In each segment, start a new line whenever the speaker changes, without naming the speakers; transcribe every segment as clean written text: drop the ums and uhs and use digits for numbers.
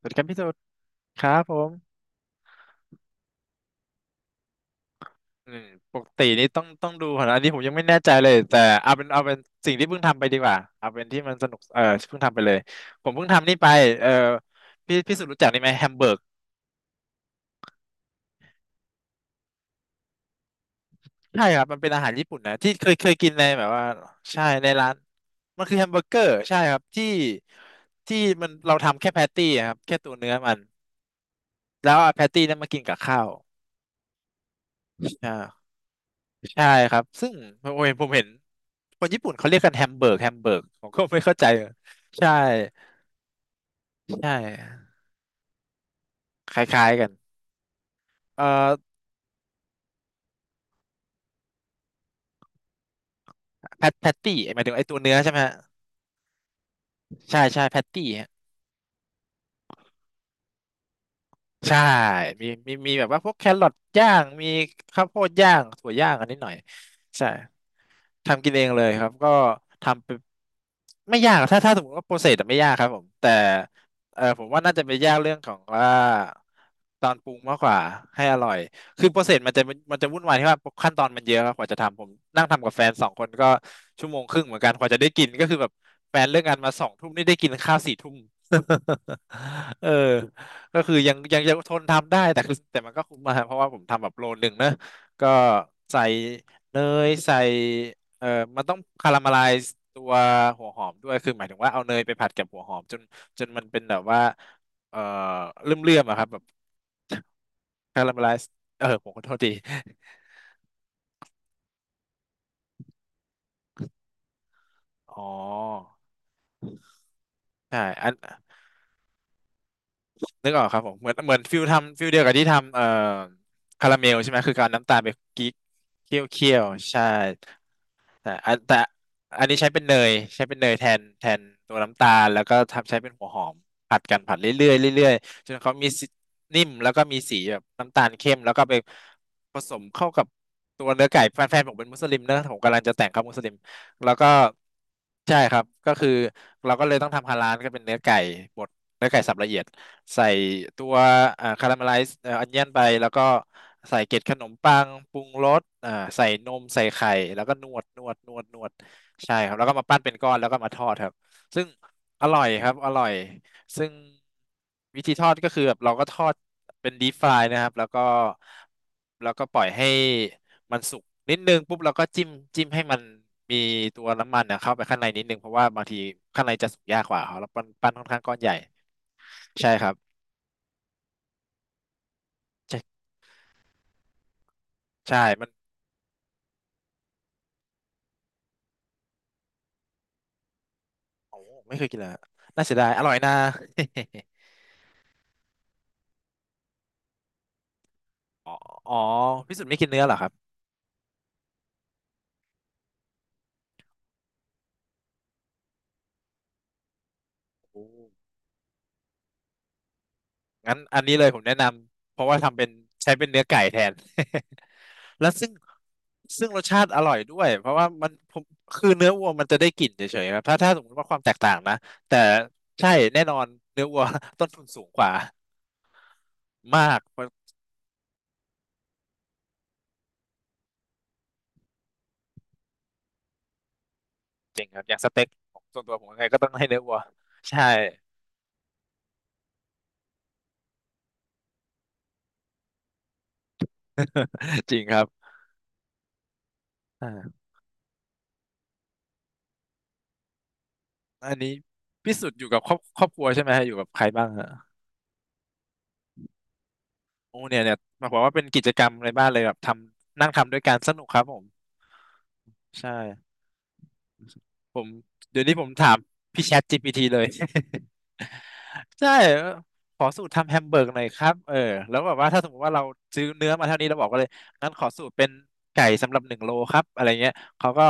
สวัสดีครับพี่สุดครับผมอืมปกตินี่ต้องดูก่อนนะอันนี้ผมยังไม่แน่ใจเลยแต่เอาเป็นสิ่งที่เพิ่งทำไปดีกว่าเอาเป็นที่มันสนุกเออเพิ่งทำไปเลยผมเพิ่งทำนี่ไปเออพี่สุดรู้จักนี่ไหมแฮมเบอร์กใช่ครับมันเป็นอาหารญี่ปุ่นนะที่เคยกินในแบบว่าใช่ในร้านมันคือแฮมเบอร์เกอร์ใช่ครับที่ที่มันเราทำแค่แพตตี้อะครับแค่ตัวเนื้อมันแล้วเอาแพตตี้นั้นมากินกับข้าวอ่า ใช่ครับ ซึ่งผมเห็นคนญี่ปุ่นเขาเรียกกันแฮมเบิร์กผมก็ไม่เข้าใจ ใช่ใช่คล้ายๆกันเอ่อแพตตี้หมายถึงไอ้ตัวเนื้อใช่ไหมฮะใช่ใช่แพตตี้ ใช่มีแบบว่าพวกแครอทย่างมีข้าวโพดย่างถั่วย่างอันนิดหน่อยใช่ทำกินเองเลยครับก็ทำไปไม่ยากถ้าสมมติว่าโปรเซสไม่ยากครับผมแต่เออผมว่าน่าจะไปยากเรื่องของว่าตอนปรุงมากกว่า ให้อร่อยคือโปรเซสมันจะวุ่นวายที่ว่าขั้นตอนมันเยอะครับกว่าจะทำผมนั่งทำกับแฟนสองคนก็ชั่วโมงครึ่งเหมือนกันกว่าจะได้กินก็คือแบบแฟนเลิกงานมาสองทุ่มนี่ได้กินข้าวสี่ทุ่ม เออ ก็คือยังทนทำได้แต่คือแต่มันก็คุ้มมาเพราะว่าผมทำแบบโลหนึ่งนะก็ใส่เนยใส่เอ่อมันต้องคาราเมลไลซ์ตัวหัวหอมด้วยคือหมายถึงว่าเอาเนยไปผัดกับหัวหอมจนมันเป็นแบบว่าเอ่อเลื่อมอะครับแบบคาราเมลไลซ์เออผมขอโทษทีอ๋อใช่อันนึกออกครับผมเหมือนฟิลทำฟิลเดียวกับที่ทำคาราเมลใช่ไหมคือการเอาน้ำตาลไปกิ๊กเคี่ยวใช่ แต่อันแต่อันนี้ใช้เป็นเนยใช้เป็นเนยแทนตัวน้ำตาลแล้วก็ทำใช้เป็นหัวหอมผัดกันผัดเรื่อยๆเรื่อยๆจนเขามีสีนิ่มแล้วก็มีสีแบบน้ำตาลเข้มแล้วก็ไปผสมเข้ากับตัวเนื้อไก่แฟนผมเป็นมุสลิมนะผมกำลังจะแต่งครับมุสลิมแล้วก็ใช่ครับก็คือเราก็เลยต้องทำฮาลาลก็เป็นเนื้อไก่บด เนื้อไก่สับละเอียดใส่ตัวอ่าคาราเมลไลซ์เอ่ออนเนียนไปแล้วก็ใส่เกล็ดขนมปังปรุงรสอ่าใส่นมใส่ไข่แล้วก็นวดใช่ครับแล้วก็มาปั้นเป็นก้อนแล้วก็มาทอดครับซึ่งอร่อยครับอร่อยซึ่งวิธีทอดก็คือแบบเราก็ทอดเป็นดีฟรายนะครับแล้วก็ปล่อยให้มันสุกนิดนึงปุ๊บเราก็จิ้มจิ้มให้มันมีตัวน้ำมันนะเข้าไปข้างในนิดนึงเพราะว่าบางทีข้างในจะสุกยากกว่าครับแล้วปั้นค่อนข้างก้อนใหญ่ ใช่ครับใช่ใช่มันโอ้ไม่เคยกินเลยอะน่าเสียดายอร่อยนะ อ๋ออ๋อพี่สุดไม่กินเนื้อเหรอครับโอ้งั้นอันนี้เลยผมแนะนำเพราะว่าทำเป็นใช้เป็นเนื้อไก่แทน แล้วซึ่งซึ่งรสชาติอร่อยด้วยเพราะว่ามันผมคือเนื้อวัวมันจะได้กลิ่นเฉยๆครับถ้าสมมติว่าความแตกต่างนะแต่ใช่แน่นอนเนื้อวัว ต้นทุนสูงกว่ามากเพราะจริงครับอย่างสเต็กของส่วนตัวผมยังไงก็ต้องให้เนื้อวัวใช่ จริงครับ อันนี้พี่สุดอยู่กับครอบครัวใช่ไหมฮะอยู่กับใครบ้างฮะโอ้เนี่ยเนี่ยบอกว่าเป็นกิจกรรมในบ้านเลยแบบทำนั่งทำด้วยกันสนุกครับผมใช่ผมเดี๋ยวนี้ผมถามพี่แชท GPT เลย ใช่ขอสูตรทำแฮมเบอร์กหน่อยครับเออแล้วแบบว่าถ้าสมมติว่าเราซื้อเนื้อมาเท่านี้เราบอกก็เลยงั้นขอสูตรเป็นไก่สำหรับหนึ่งโลครับอะไรเงี้ยเขาก็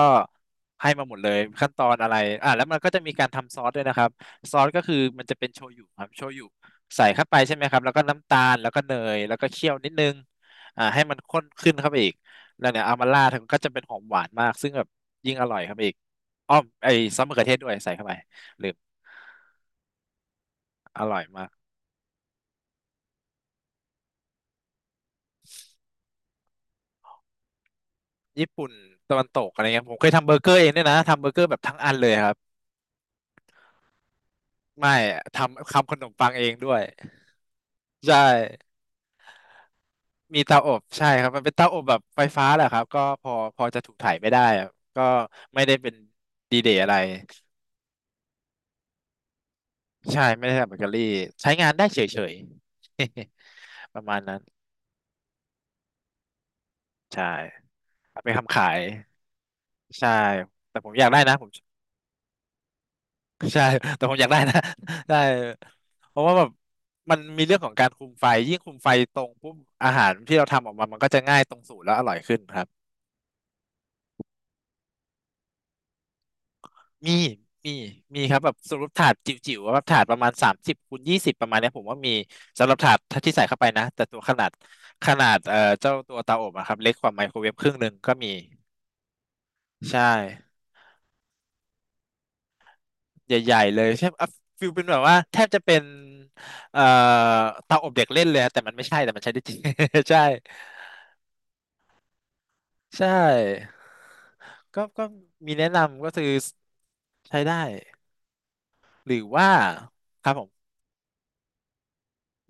ให้มาหมดเลยขั้นตอนอะไรอ่ะแล้วมันก็จะมีการทำซอสด้วยนะครับซอสก็คือมันจะเป็นโชยุครับโชยุใส่เข้าไปใช่ไหมครับแล้วก็น้ำตาลแล้วก็เนยแล้วก็เคี่ยวนิดนึงอ่าให้มันข้นขึ้นเข้าไปอีกแล้วเนี่ยเอามาราดก็จะเป็นหอมหวานมากซึ่งแบบยิ่งอร่อยครับอีกอ้อมไอ้ซอสมะเขือเทศด้วยใส่เข้าไปลืมอร่อยมาก ญี่ปุ่นตะวันตกอะไรเงี้ยผมเคยทำเบอร์เกอร์เองด้วยนะทำเบอร์เกอร์แบบทั้งอันเลยครับไม่ทำขนมปังเองด้วยใช่มีเตาอบใช่ครับมันเป็นเตาอบแบบไฟฟ้าแหละครับก็พอจะถูกถ่ายไม่ได้อะก็ไม่ได้เป็นดีเดย์อะไรใช่ไม่ได้ทำเบเกอรี่ใช้งานได้เฉยๆ ประมาณนั้นใช่เอาไปทคำขายใช่แต่ผมอยากได้นะผม ใช่ แต่ผมอยากได้นะ ได้เพราะว่าแบบมันมีเรื่องของการคุมไฟยิ่งคุมไฟตรงปุ๊บอาหารที่เราทำออกมา มันก็จะง่ายตรงสูตรแล้วอร่อยขึ้นครับ มี มีมีครับแบบสำหรับถาดจิ๋วๆว่าถาดประมาณ30 คูณ 20ประมาณเนี้ยผมว่ามีสำหรับถาดที่ใส่เข้าไปนะแต่ตัวขนาดขนาดเจ้าตัวเตาอบอะครับเล็กกว่าไมโครเวฟครึ่งหนึ่งก็มีใช่ใหญ่ๆเลยใช่อ่ะฟิลเป็นแบบว่าแทบจะเป็นเอ่อเตาอบเด็กเล่นเลยอะแต่มันไม่ใช่แต่มันใช้ได้จริง ใช่ ใช่ก็มีแนะนำก็คือใช้ได้หรือว่าครับผม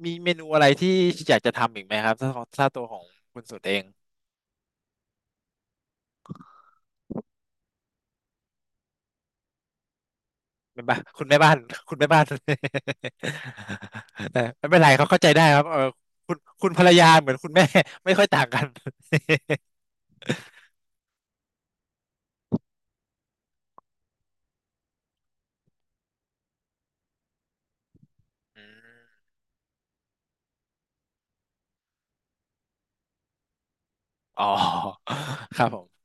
มีเมนูอะไรที่อยากจะทำอีกไหมครับถ้าถ้าตัวของคุณสุดเองแม่บ้านคุณแม่บ้าน คุณแม่บ้าน แต่ไม่เป็นไรเขาเข้าใจได้ครับเออคุณภรรยาเหมือนคุณแม่ ไม่ค่อยต่างกัน อืมอ๋อ ครับผม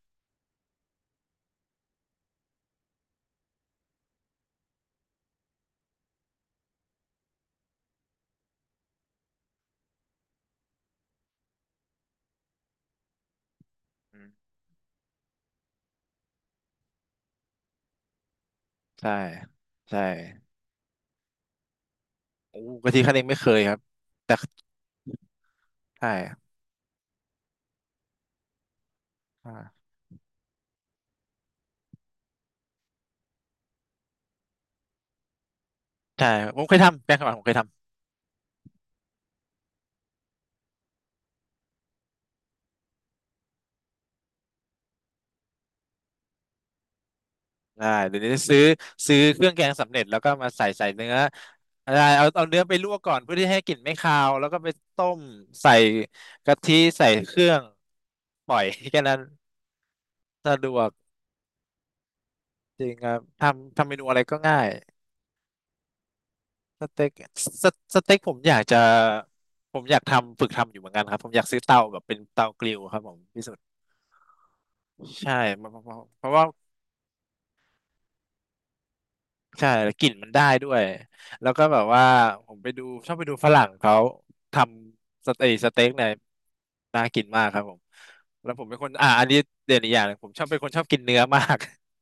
อืมใช่ใช่โอ้กะทิคั้นเองไม่เคยครับแต่ใช่อ่าใช่ผมเคยทำแป้งข้าวหวานผมเคยทำ ได้เดี๋ยวนี้ซื้อเครื่องแกงสำเร็จแล้วก็มาใส่เนื้อได้เอาเนื้อไปลวกก่อนเพื่อที่ให้กลิ่นไม่คาวแล้วก็ไปต้มใส่กะทิใส่เครื่องปล่อย แค่นั้นสะดวกจริงครับทำเมนูอะไรก็ง่ายสเต็กสสเต็กผมอยากจะผมอยากทำฝึกทำอยู่เหมือนกันครับผมอยากซื้อเตาแบบเป็นเตากริลครับผมพี่สุดใช่เพราะว่า ใช่แล้วกลิ่นมันได้ด้วยแล้วก็แบบว่าผมไปดูชอบไปดูฝรั่งเขาทำสเต็กสเต็กเนี่ยน่ากินมากครับผมแล้วผมเป็นคนอ่าอันนี้เด่นอีกอย่างหนึ่งผมชอบเป็นคนชอบกินเนื้อมาก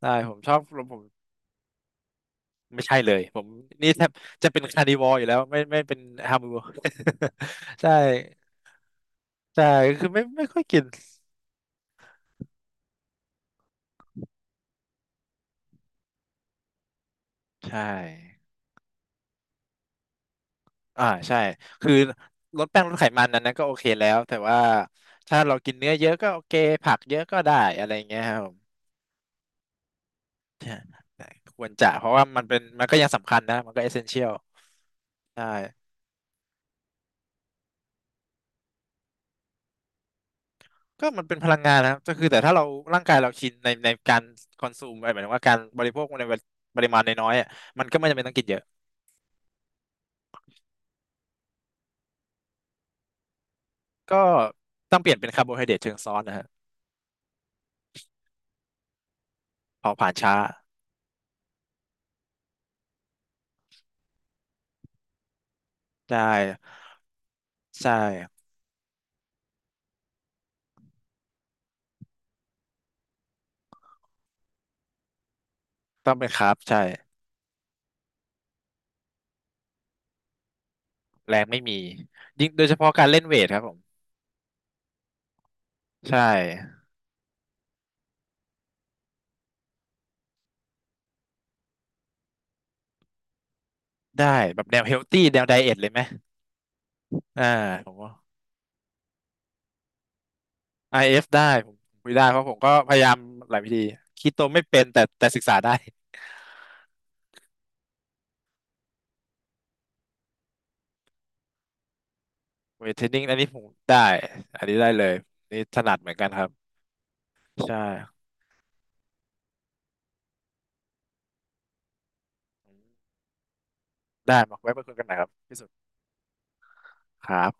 ใช่ผมชอบผมไม่ใช่เลยผมนี่แทบจะเป็นคาร์นิวอร์อยู่แล้วไม่ไม่เป็นฮาร์บ ใช่ใช่คือไม่ไม่ค่อยกินใช่ อ่าใช่คือลดแป้งลดไขมันนั้นนะก็โอเคแล้วแต่ว่าถ้าเรากินเนื้อเยอะก็โอเคผักเยอะก็ได้อะไรเงี้ยครับผมใช่ควรจะเพราะว่ามันเป็นมันก็ยังสำคัญนะมันก็เอเซนเชียลใช่ก็มันเป็นพลังงานนะครับก็คือแต่ถ้าเราร่างกายเราชินในการคอนซูมหมายถึงว่าการบริโภคในปริมาณน้อยๆอ่ะมันก็ไม่จำเป็นต้องกินเยอะก็ต้องเปลี่ยนเป็นคาร์โบไฮเดรตเชิงซ้อนนะฮะเผาผลาญช้าได้ใช่ต้องเป็นคาร์บใช่ แรงไม่มียิ่งโดยเฉพาะการเล่นเวทครับผมใช่ได้แบบแนวเฮลตี้แนวไดเอทเลยไหมอ่าผมว่า IF ได้ผมคุยได้เพราะผมก็พยายามหลายวิธีคีโตไม่เป็นแต่แต่ศึกษาได้เวทเทรนนิ่งอันนี้ผมได้อันนี้ได้เลยนี่ถนัดเหมือนกันครับใช่ได้มาไว้มาคุยกันใหม่ครับพี่สุดครับ